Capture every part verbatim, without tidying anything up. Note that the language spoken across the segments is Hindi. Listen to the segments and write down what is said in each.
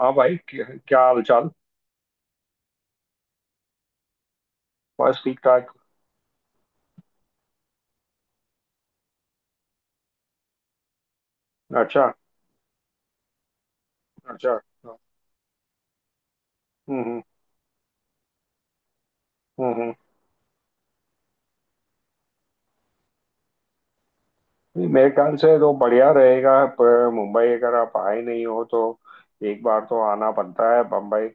हाँ भाई, क्या क्या हाल चाल। बस ठीक ठाक। अच्छा। अच्छा। हम्म हम्म हम्म हम्म। नहीं, मेरे ख्याल से तो बढ़िया रहेगा। पर मुंबई अगर आप आए नहीं हो तो एक बार तो आना बनता है। बम्बई अ,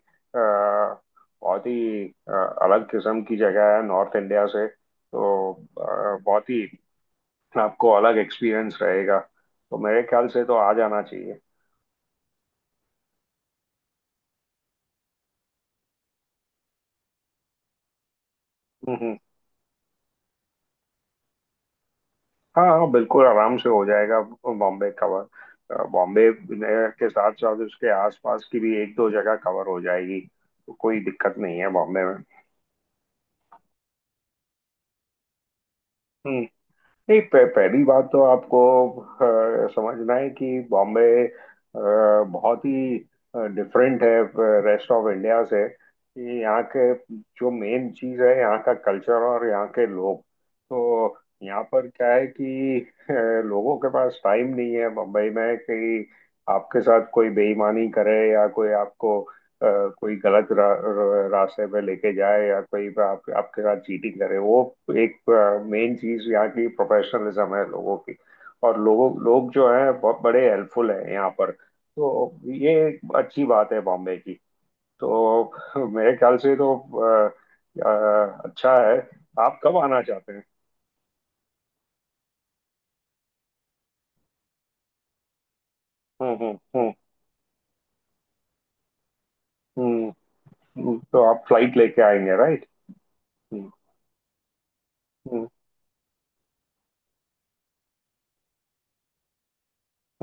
बहुत ही अ, अलग किस्म की जगह है, नॉर्थ इंडिया से तो अ, बहुत ही आपको अलग एक्सपीरियंस रहेगा। तो मेरे ख्याल से तो आ जाना चाहिए। हम्म, हम्म। हाँ हाँ, बिल्कुल आराम से हो जाएगा बॉम्बे कवर। अ, बॉम्बे के साथ साथ उसके आसपास की भी एक दो जगह कवर हो जाएगी, तो कोई दिक्कत नहीं है बॉम्बे में। नहीं, पह- पहली बात तो आपको अ, समझना है कि बॉम्बे अ, बहुत ही डिफरेंट है रेस्ट ऑफ इंडिया से। कि यहाँ के जो मेन चीज़ है यहाँ का कल्चर और यहाँ के लोग। तो यहाँ पर क्या है कि अ, लोगों के पास टाइम नहीं है मुंबई में, कि आपके साथ कोई बेईमानी करे या कोई आपको Uh, कोई गलत रा, र- रास्ते में लेके जाए या कोई आप, आपके साथ चीटिंग करे। वो एक मेन चीज यहाँ की प्रोफेशनलिज्म है लोगों की। और लोगों लोग जो है बहुत बड़े हेल्पफुल हैं यहाँ पर। तो ये एक अच्छी बात है बॉम्बे की। तो मेरे ख्याल से तो अ, अ, अच्छा है। आप कब आना चाहते हैं? हम्म हम्म हम्म हम्म। हम्म, तो आप फ्लाइट लेके आएंगे, राइट? हम्म हम्म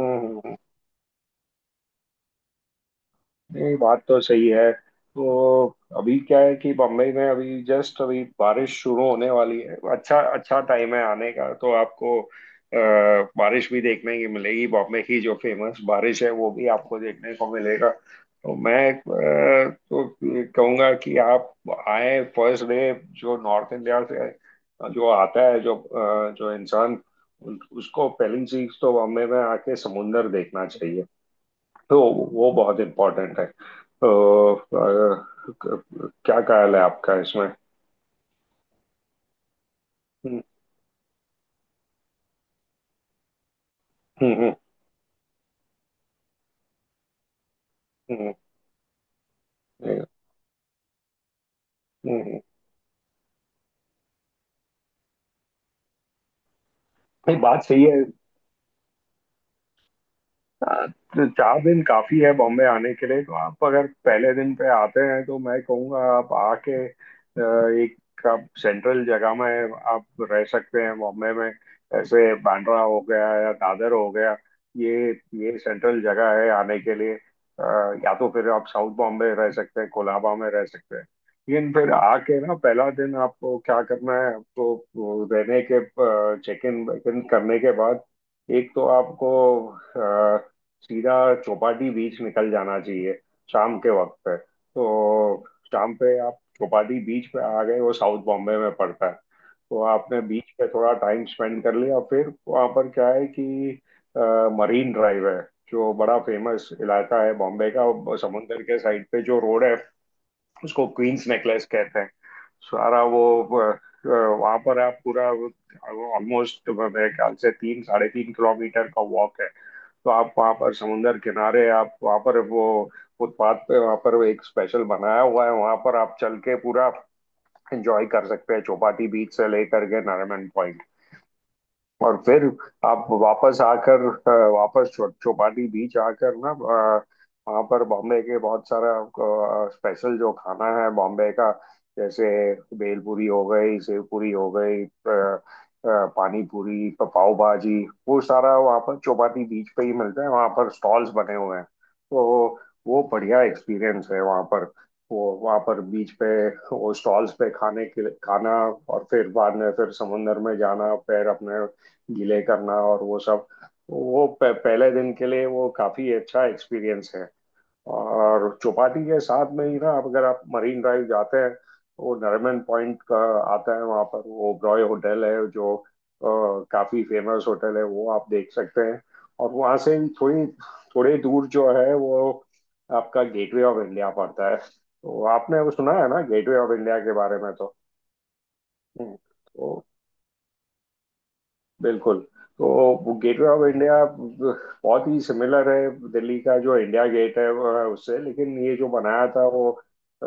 हम्म। हम्म, नहीं बात तो सही है। तो अभी क्या है कि बम्बई में अभी जस्ट अभी बारिश शुरू होने वाली है, अच्छा अच्छा टाइम है आने का। तो आपको अ, बारिश भी देखने की मिलेगी, बॉम्बे की जो फेमस बारिश है वो भी आपको देखने को मिलेगा। तो मैं अ, तो कहूँगा कि आप आए फर्स्ट डे। जो नॉर्थ इंडिया से जो आता है, जो अ, जो इंसान, उन- उसको पहली चीज तो बॉम्बे में आके समुंदर देखना चाहिए। तो वो बहुत इम्पोर्टेंट है। तो अ, क- क्या ख्याल है आपका इसमें? हम्म हम्म हम्म हम्म, हम्म, हम्म। नहीं, बात सही है। हाँ, तो चार दिन काफी है बॉम्बे आने के लिए। तो आप अगर पहले दिन पे आते हैं तो मैं कहूँगा आप आके अ, एक आप सेंट्रल जगह में आप रह सकते हैं बॉम्बे में, ऐसे बांद्रा हो गया या दादर हो गया। ये ये सेंट्रल जगह है आने के लिए। अ, या तो फिर आप साउथ बॉम्बे रह सकते हैं, कोलाबा में रह सकते हैं। लेकिन फिर आके ना पहला दिन आपको क्या करना है, आपको वो रहने के चेक इन वेक इन करने के बाद एक तो आपको सीधा चौपाटी बीच निकल जाना चाहिए शाम के वक्त पे। तो शाम पे आप चौपाटी बीच पे आ गए, वो साउथ बॉम्बे में पड़ता है। तो आपने बीच पे थोड़ा टाइम स्पेंड कर लिया, फिर वहाँ पर क्या है कि अ, मरीन ड्राइव है, जो बड़ा फेमस इलाका है बॉम्बे का। वो समुंदर के साइड पे जो रोड है उसको क्वींस नेकलेस कहते हैं। सारा वो वहां पर आप पूरा ऑलमोस्ट मेरे ख्याल से तीन साढ़े तीन किलोमीटर का वॉक है। तो आप वहाँ पर समुंदर किनारे आप वहाँ पर वो फुटपाथ पे वहाँ पर एक स्पेशल बनाया हुआ है, वहाँ पर आप चल के पूरा एंजॉय कर सकते हैं चौपाटी बीच से लेकर के नारायण पॉइंट। और फिर आप वापस आकर अ, वापस चौ- चौपाटी बीच आकर ना, अ, वहाँ पर बॉम्बे के बहुत सारा स्पेशल जो खाना है बॉम्बे का, जैसे भेलपूरी हो गई, सेव पूरी हो गई, अ, अ, पानी पूरी, प- पाव भाजी, वो सारा वहाँ पर चौपाटी बीच पे ही मिलता है। वहाँ पर स्टॉल्स बने हुए हैं, तो वो बढ़िया एक्सपीरियंस है वहाँ पर, वो वहाँ पर बीच पे वो स्टॉल्स पे खाने के लिए खाना। और फिर बाद में फिर समुंदर में जाना फिर अपने गीले करना और वो सब, वो प- पहले दिन के लिए वो काफी अच्छा एक्सपीरियंस है। और चौपाटी के साथ में ही ना, आप अगर आप मरीन ड्राइव जाते हैं वो नरीमन पॉइंट का आता है, वहाँ पर वो ओबरॉय होटल है जो अ, काफी फेमस होटल है वो आप देख सकते हैं। और वहाँ से ही थोड़ी थोड़ी दूर जो है वो आपका गेटवे ऑफ इंडिया पड़ता है। तो आपने वो सुना है ना गेटवे ऑफ इंडिया के बारे में तो? हम्म, तो बिल्कुल। तो गेटवे ऑफ इंडिया बहुत ही सिमिलर है दिल्ली का जो इंडिया गेट है, वह उससे। लेकिन ये जो बनाया था वो, अ,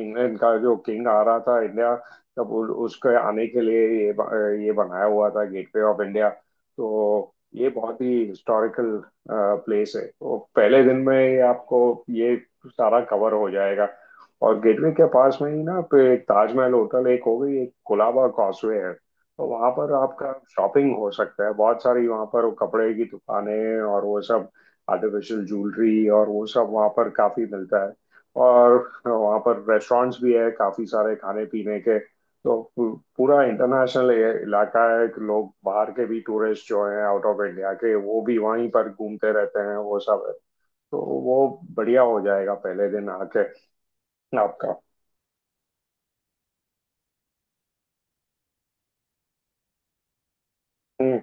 इंग्लैंड का जो किंग आ रहा था इंडिया, तब उ- उसके आने के लिए ये ब- ये बनाया हुआ था गेटवे ऑफ इंडिया। तो ये बहुत ही हिस्टोरिकल प्लेस है। तो पहले दिन में ही आपको ये सारा कवर हो जाएगा। और गेटवे के पास में ही ना पे ताजमहल होटल एक हो गई, एक कुलाबा कॉजवे है। तो वहां पर आपका शॉपिंग हो सकता है बहुत सारी, वहां पर वो कपड़े की दुकानें और वो सब, आर्टिफिशियल ज्वेलरी और वो सब वहां पर काफी मिलता है। और वहां पर रेस्टोरेंट्स भी है काफी सारे खाने पीने के। तो पू- पूरा इंटरनेशनल इलाका है कि लोग बाहर के भी टूरिस्ट जो हैं आउट ऑफ इंडिया के वो भी वहीं पर घूमते रहते हैं, वो सब है। तो वो बढ़िया हो जाएगा पहले दिन आके आपका। हम्म।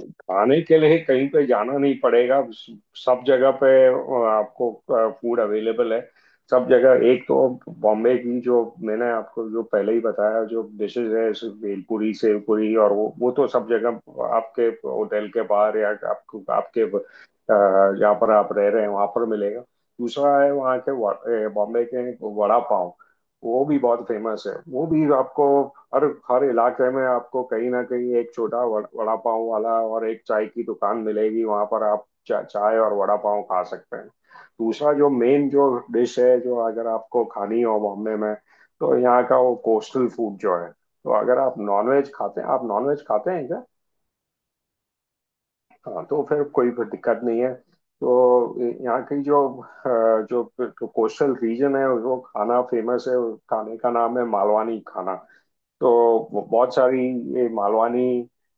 खाने के लिए कहीं पे जाना नहीं पड़ेगा, सब जगह पे आपको फूड अवेलेबल है सब जगह। एक तो बॉम्बे की जो मैंने आपको जो पहले ही बताया जो डिशेज है, जैसे भेलपुरी, सेवपुरी और वो वो तो सब जगह आपके होटल के बाहर या आपको आपके, अ, जहाँ पर आप रह रहे हैं वहां पर मिलेगा। दूसरा है वहाँ के वा- अ, बॉम्बे के वड़ा पाव। वो भी बहुत फेमस है। वो भी आपको हर हर इलाके में आपको कहीं ना कहीं एक छोटा वड़- वड़ा पाव वाला और एक चाय की दुकान मिलेगी, वहां पर आप चा, चाय और वड़ा पाव खा सकते हैं। दूसरा जो मेन जो डिश है जो अगर आपको खानी हो बॉम्बे में, तो यहाँ का वो कोस्टल फूड जो है। तो अगर आप नॉनवेज खाते हैं, आप नॉनवेज खाते हैं क्या? हाँ, तो फिर कोई फिर दिक्कत नहीं है। तो यहाँ की जो अ, जो, जो कोस्टल रीजन है वो खाना फेमस है, उस खाने का नाम है मालवानी खाना। तो ब- बहुत सारी ये मालवानी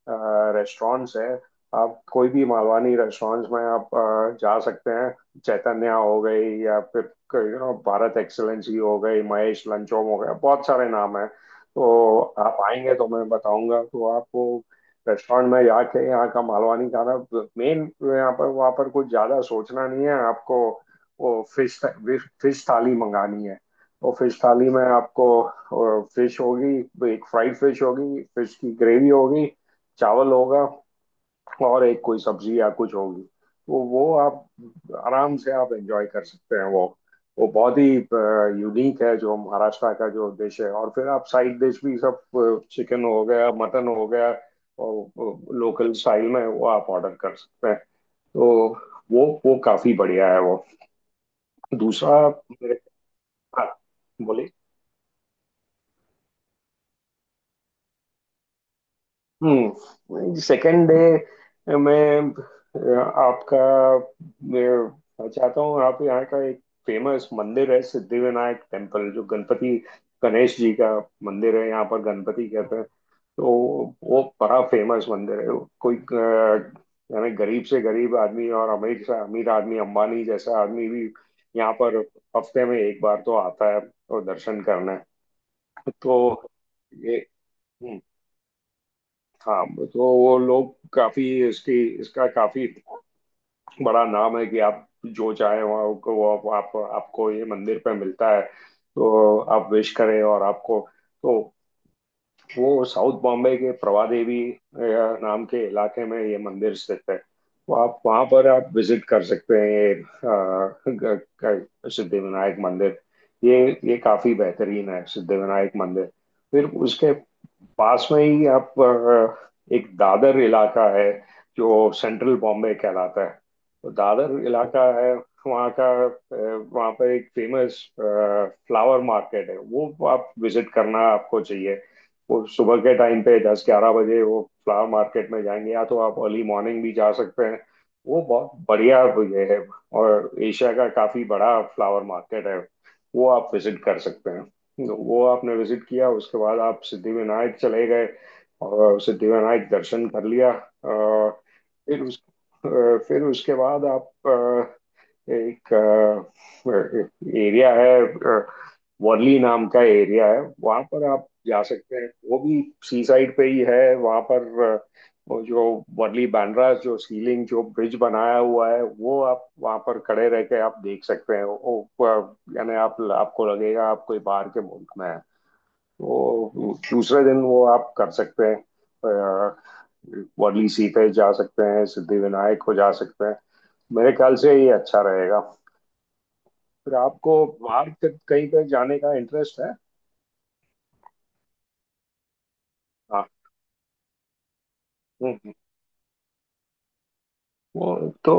रेस्टोरेंट्स हैं। आप कोई भी मालवानी रेस्टोरेंट्स में आप अ, जा सकते हैं, चैतन्या हो गई, या फिर यू नो भारत एक्सेलेंसी हो गई, महेश लंचोम हो गया, बहुत सारे नाम हैं। तो आप आएंगे तो मैं बताऊंगा तो आपको रेस्टोरेंट में जाके यहाँ का मालवानी खाना मेन। यहाँ पर वहाँ पर कुछ ज़्यादा सोचना नहीं है आपको, वो फिश फिश थाली मंगानी है। और फिश थाली में आपको फिश होगी, एक फ्राइड फिश होगी, फिश की ग्रेवी होगी, चावल होगा, और एक कोई सब्जी या कुछ होगी। तो वो आप आराम से आप एंजॉय कर सकते हैं वो वो बहुत ही यूनिक है जो महाराष्ट्र का जो डिश है। और फिर आप साइड डिश भी सब, चिकन हो गया, मटन हो गया, और लोकल स्टाइल में वो आप ऑर्डर कर सकते हैं। तो वो वो काफी बढ़िया है वो। दूसरा मेरे। हाँ, बोलिए। हम्म, सेकेंड डे। मैं अ, आपका मैं चाहता हूँ आप यहाँ का एक फेमस मंदिर है सिद्धिविनायक टेम्पल, जो गणपति गणेश जी का मंदिर है, यहाँ पर गणपति कहते हैं। तो वो बड़ा फेमस मंदिर है। कोई अ, यानी गरीब से गरीब आदमी और अमीर से अमीर आदमी, अंबानी जैसा आदमी भी यहाँ पर हफ्ते में एक बार तो आता है और दर्शन करने। तो ये, हम्म, हाँ। तो वो लोग काफी इसकी इसका काफी बड़ा नाम है कि आप जो चाहे वहाँ आपको वो आप, आप आपको ये मंदिर पे मिलता है, तो आप विश करें और आपको तो। वो साउथ बॉम्बे के प्रभादेवी अ, नाम के इलाके में ये मंदिर स्थित है, तो आप वहाँ पर आप विजिट कर सकते हैं ये अ, ग- ग- सिद्धिविनायक मंदिर। ये ये काफी बेहतरीन है सिद्धिविनायक मंदिर। फिर उसके पास में ही आप अ, एक दादर इलाका है जो सेंट्रल बॉम्बे कहलाता है। तो दादर इलाका है, वहाँ का अ, वहाँ पर एक फेमस फ्लावर मार्केट है, वो आप विजिट करना आपको चाहिए। वो सुबह के टाइम पे दस ग्यारह बजे वो फ्लावर मार्केट में जाएंगे, या तो आप अर्ली मॉर्निंग भी जा सकते हैं। वो बहुत बढ़िया ये है, और एशिया का काफी बड़ा फ्लावर मार्केट है, वो आप विजिट कर सकते हैं। तो वो आपने विजिट किया, उसके बाद आप सिद्धिविनायक चले गए और सिद्धिविनायक दर्शन कर लिया। अ, फिर उस अ, फिर उसके बाद आप अ, एक एरिया है, वर्ली नाम का एरिया है, वहां पर आप जा सकते हैं। वो भी सी साइड पे ही है। वहां पर अ, वो जो वर्ली बांद्रा जो सीलिंग जो ब्रिज बनाया हुआ है, वो आप वहां पर खड़े रह के आप देख सकते हैं वो। अ, यानी आप आपको लगेगा आप कोई बाहर के मुल्क में है। वो दूसरे दिन वो आप कर सकते हैं, अ, वर्ली सी पे जा सकते हैं, सिद्धि विनायक को जा सकते हैं। मेरे ख्याल से ये अच्छा रहेगा। फिर आपको बाहर कहीं पे जाने का इंटरेस्ट है? हम्म, वो तो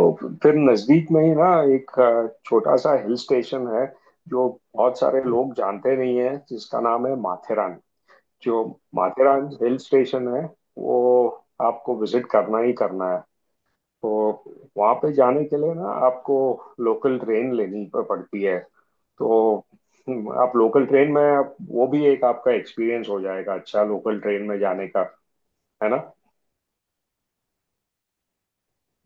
फिर नजदीक में ही ना एक अ, छोटा सा हिल स्टेशन है जो बहुत सारे लोग जानते नहीं है, जिसका नाम है माथेरान। जो माथेरान हिल स्टेशन है, वो आपको विजिट करना ही करना है। तो वहाँ पे जाने के लिए ना आपको लोकल ट्रेन लेनी प- पड़ती है। तो हम्म, आप लोकल ट्रेन में आप- वो भी एक आपका एक्सपीरियंस हो जाएगा अच्छा लोकल ट्रेन में जाने का, है ना?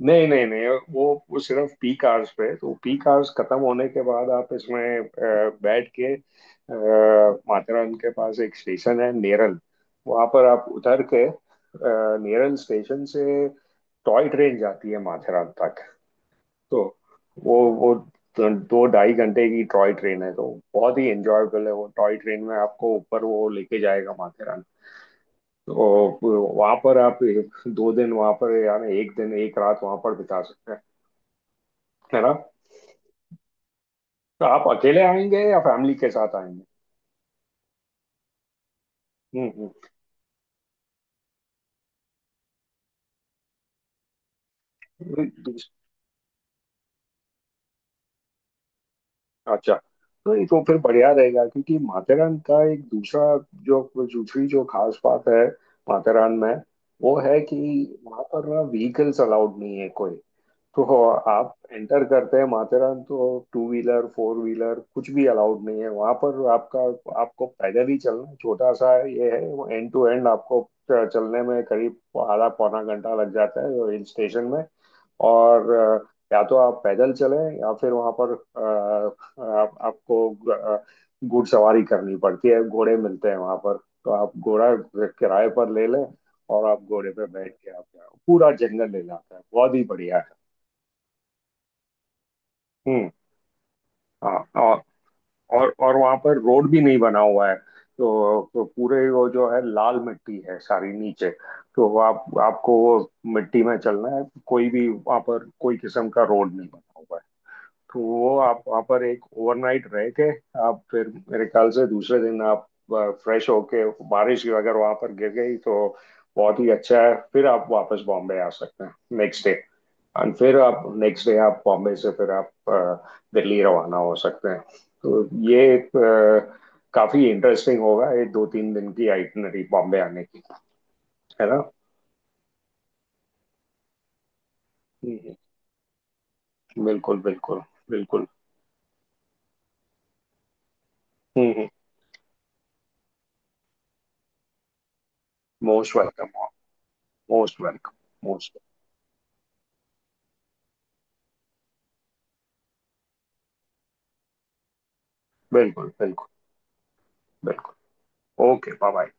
नहीं नहीं नहीं, वो वो सिर्फ पीक आवर्स पे है। तो पीक आवर्स खत्म होने के बाद आप इसमें अ, बैठ के अ, माथेरान के पास एक स्टेशन है नेरल, वहां पर आप उतर के, अ, नेरल स्टेशन से टॉय ट्रेन जाती है माथेरान तक। तो वो वो दो दो ढाई घंटे की टॉय ट्रेन है, तो बहुत ही एंजॉयबल है। वो टॉय ट्रेन में आपको ऊपर वो लेके जाएगा माथेरान। तो वहां पर आप दो दिन वहां पर, यानी एक दिन एक रात वहां पर बिता सकते हैं, है ना? तो आप अकेले आएंगे या फैमिली के साथ आएंगे? हम्म हम्म। दूस- अच्छा, तो ये तो फिर बढ़िया रहेगा क्योंकि माथेरान का एक दूसरा जो, दूसरी जो खास बात है माथेरान में वो है कि वहां पर ना व्हीकल्स अलाउड नहीं है कोई। तो आप एंटर करते हैं माथेरान, तो टू व्हीलर फोर व्हीलर कुछ भी अलाउड नहीं है वहां पर। आपका, आपको पैदल ही चलना है। छोटा सा ये है, वो एंड टू एंड आपको च- चलने में करीब आधा पौना घंटा लग जाता है हिल स्टेशन में। और अ, या तो आप पैदल चलें या फिर वहां पर, अ, आप, आपको ग- अ, घुड़सवारी करनी पड़ती है, घोड़े मिलते हैं वहां पर। तो आप घोड़ा किराए पर ले लें, और आप घोड़े पे बैठ के आप पूरा जंगल ले जाता है, बहुत ही बढ़िया है। हम्म। हाँ, और और और वहां पर रोड भी नहीं बना हुआ है तो, तो पूरे वो जो है, लाल मिट्टी है सारी नीचे। तो आप आपको वो मिट्टी में चलना है, कोई भी वहां पर कोई किस्म का रोड नहीं बना हुआ है। तो वो आप वहाँ पर एक ओवरनाइट रह के आप फिर मेरे ख्याल से दूसरे दिन आप फ्रेश होके, बारिश की अगर वहाँ पर गिर गई तो बहुत ही अच्छा है, फिर आप वापस बॉम्बे आ सकते हैं नेक्स्ट डे। एंड फिर आप नेक्स्ट डे आप बॉम्बे से फिर आप अ, दिल्ली रवाना हो सकते हैं। तो ये एक अ, काफी इंटरेस्टिंग होगा, ये दो तीन दिन की आइटनरी बॉम्बे आने की, है ना? हम्म, बिल्कुल बिल्कुल बिल्कुल। Most welcome. Most welcome. Most. बिल्कुल बिल्कुल बिल्कुल। Okay bye bye.